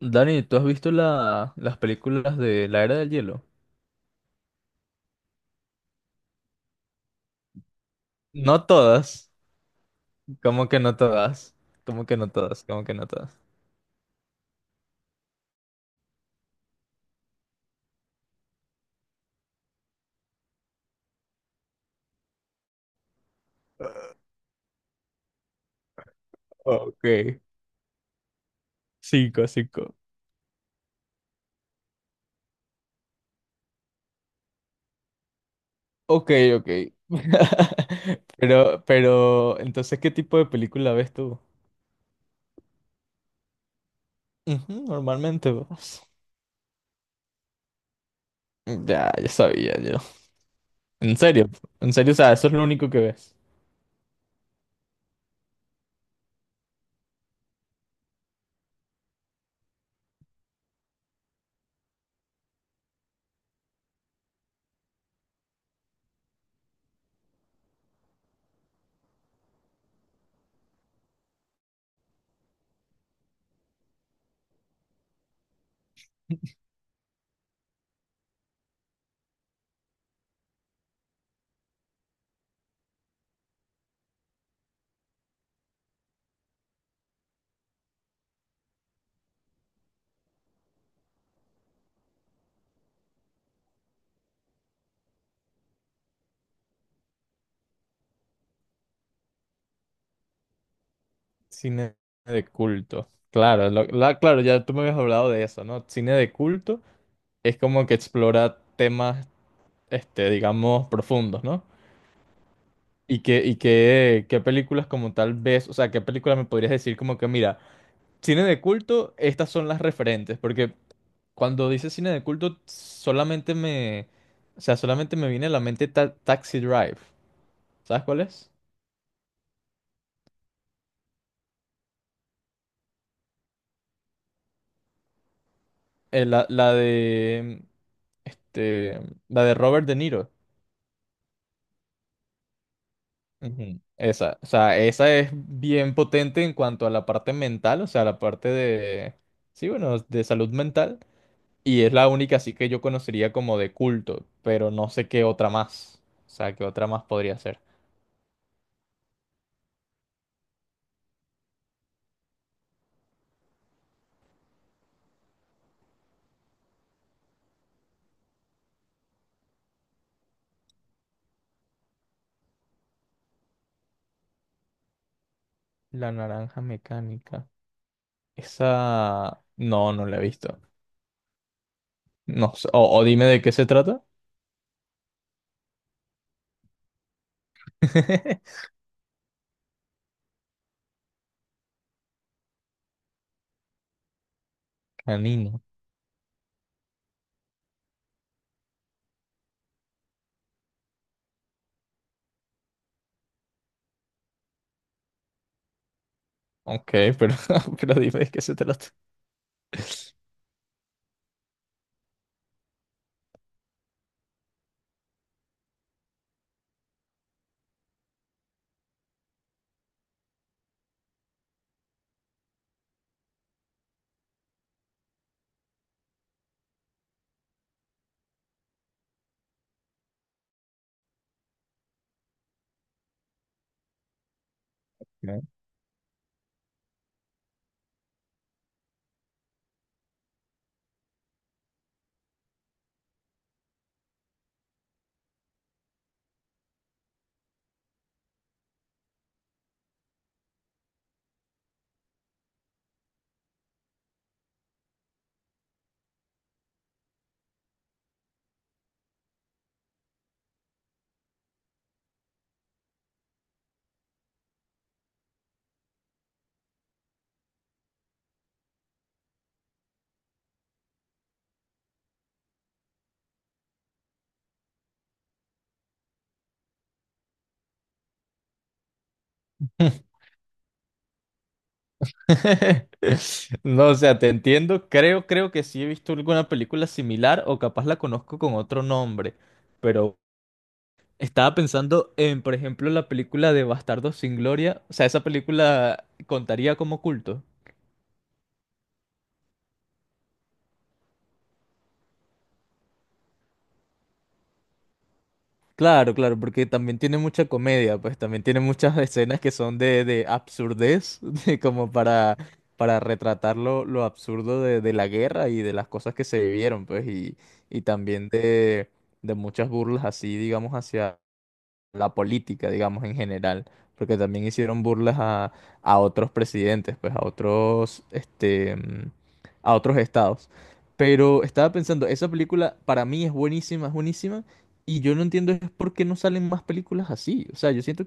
Dani, ¿tú has visto las películas de la Era del Hielo? No todas, como que no todas, como que no todas. Ok, cinco, cinco. Ok, ok. Pero, entonces, ¿qué tipo de película ves tú? Ujú, normalmente vos. Ya, ya sabía yo. En serio, en serio, o sea, eso es lo único que ves. Cine de culto. Claro, claro, ya tú me habías hablado de eso, ¿no? Cine de culto es como que explora temas este, digamos, profundos, ¿no? ¿Y qué, qué películas como tal ves? O sea, ¿qué películas me podrías decir como que, mira, cine de culto, estas son las referentes? Porque cuando dices cine de culto, o sea, solamente me viene a la mente Taxi Drive. ¿Sabes cuál es? La de, este, la de Robert De Niro. Ujú. Esa, o sea, esa es bien potente en cuanto a la parte mental, o sea, la parte de, sí, bueno, de salud mental. Y es la única así que yo conocería como de culto, pero no sé qué otra más. O sea, qué otra más podría ser. La naranja mecánica. Esa... No, no la he visto. No sé. O dime de qué se trata. Canino. Ok, pero, pero dime de qué se trata. Ok. No, o sea, te entiendo. Creo que sí he visto alguna película similar o capaz la conozco con otro nombre, pero estaba pensando en, por ejemplo, la película de Bastardos sin Gloria. O sea, esa película contaría como culto. Claro, claro, porque también tiene mucha comedia, pues también tiene muchas escenas que son de absurdez, de como para retratar lo absurdo de la guerra y de las cosas que se vivieron, pues, y también de muchas burlas así, digamos, hacia, la política, digamos, en general, porque también hicieron burlas a otros presidentes, pues a otros, este, mm, a otros estados. Pero estaba pensando, esa película para mí es buenísima, y yo no entiendo es por qué no salen más películas así. O sea, yo siento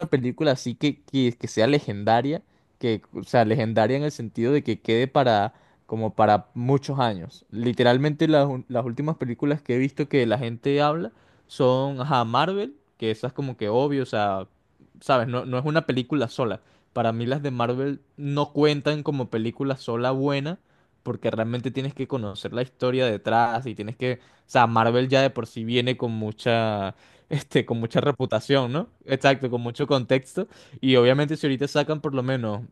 una película así que sea legendaria, que, o sea, legendaria en el sentido de que quede para, como para muchos años. Literalmente las últimas películas que he visto que la gente habla son, ajá, Marvel, que esas como que obvio, o sea, sabes, no es una película sola. Para mí las de Marvel no cuentan como película sola buena, porque realmente tienes que conocer la historia detrás y tienes que, o sea, Marvel ya de por sí viene con mucha este, con mucha reputación, ¿no? Exacto, con mucho contexto. Y obviamente si ahorita sacan por lo menos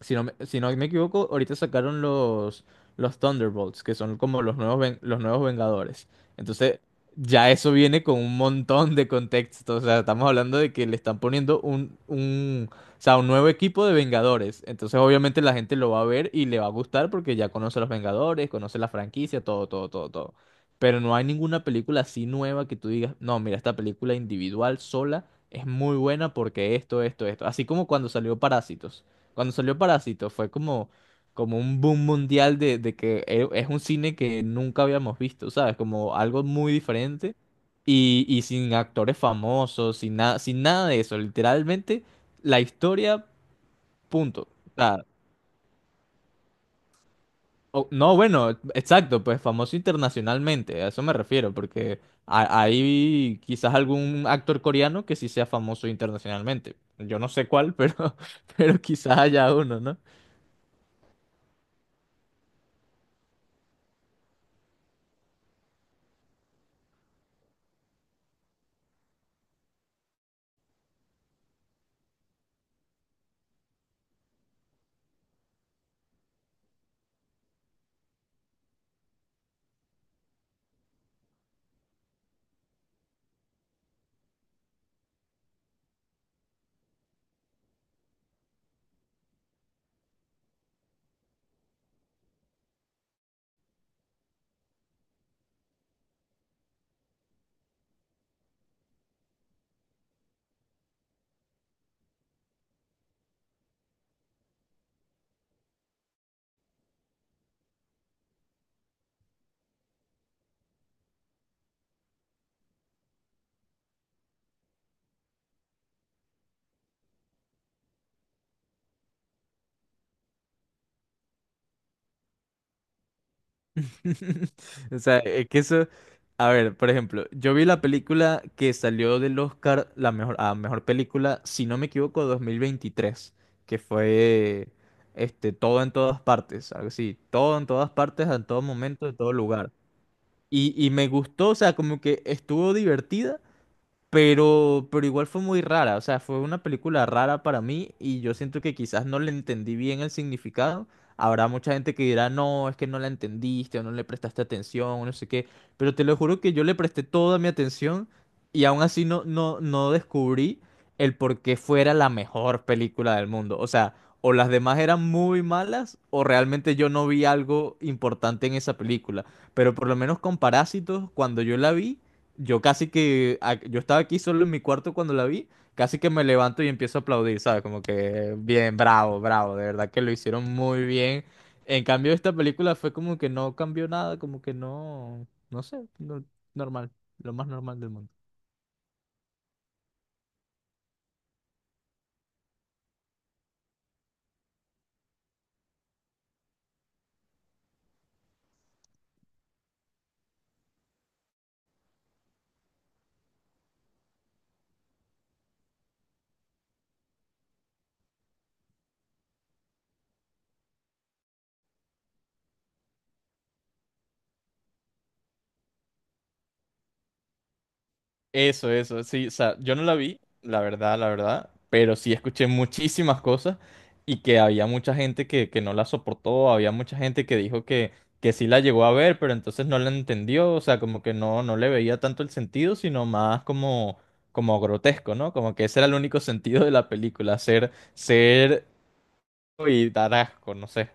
si no me equivoco, ahorita sacaron los Thunderbolts, que son como los nuevos, los nuevos Vengadores. Entonces, ya eso viene con un montón de contexto. O sea, estamos hablando de que le están poniendo o sea, un nuevo equipo de Vengadores. Entonces, obviamente la gente lo va a ver y le va a gustar porque ya conoce a los Vengadores, conoce la franquicia, todo, todo, todo, todo. Pero no hay ninguna película así nueva que tú digas, no, mira, esta película individual, sola, es muy buena porque esto, esto, esto. Así como cuando salió Parásitos. Cuando salió Parásito fue como, como un boom mundial de que es un cine que nunca habíamos visto, ¿sabes? Como algo muy diferente y sin actores famosos, sin nada, sin nada de eso. Literalmente la historia, punto. O sea, no, bueno, exacto, pues famoso internacionalmente, a eso me refiero, porque hay quizás algún actor coreano que sí sea famoso internacionalmente. Yo no sé cuál, pero, pero quizás haya uno, ¿no? O sea, es que eso. A ver, por ejemplo, yo vi la película que salió del Oscar, la mejor, a mejor película, si no me equivoco, 2023 que fue este, todo en todas partes, algo así, todo en todas partes, en todo momento, en todo lugar. Y me gustó, o sea, como que estuvo divertida, pero igual fue muy rara, o sea, fue una película rara para mí y yo siento que quizás no le entendí bien el significado. Habrá mucha gente que dirá, no, es que no la entendiste o no le prestaste atención o no sé qué, pero te lo juro que yo le presté toda mi atención y aún así no descubrí el por qué fuera la mejor película del mundo. O sea, o las demás eran muy malas o realmente yo no vi algo importante en esa película. Pero por lo menos con Parásitos, cuando yo la vi... Yo casi que, yo estaba aquí solo en mi cuarto cuando la vi, casi que me levanto y empiezo a aplaudir, ¿sabes? Como que bien, bravo, bravo, de verdad que lo hicieron muy bien. En cambio, esta película fue como que no cambió nada, como que no, no sé, no- normal, lo más normal del mundo. Eso, sí, o sea, yo no la vi, la verdad, pero sí escuché muchísimas cosas y que había mucha gente que no la soportó, había mucha gente que dijo que sí la llegó a ver, pero entonces no la entendió, o sea, como que no, no le veía tanto el sentido, sino más como, como grotesco, ¿no? Como que ese era el único sentido de la película, ser, ser y dar asco, no sé.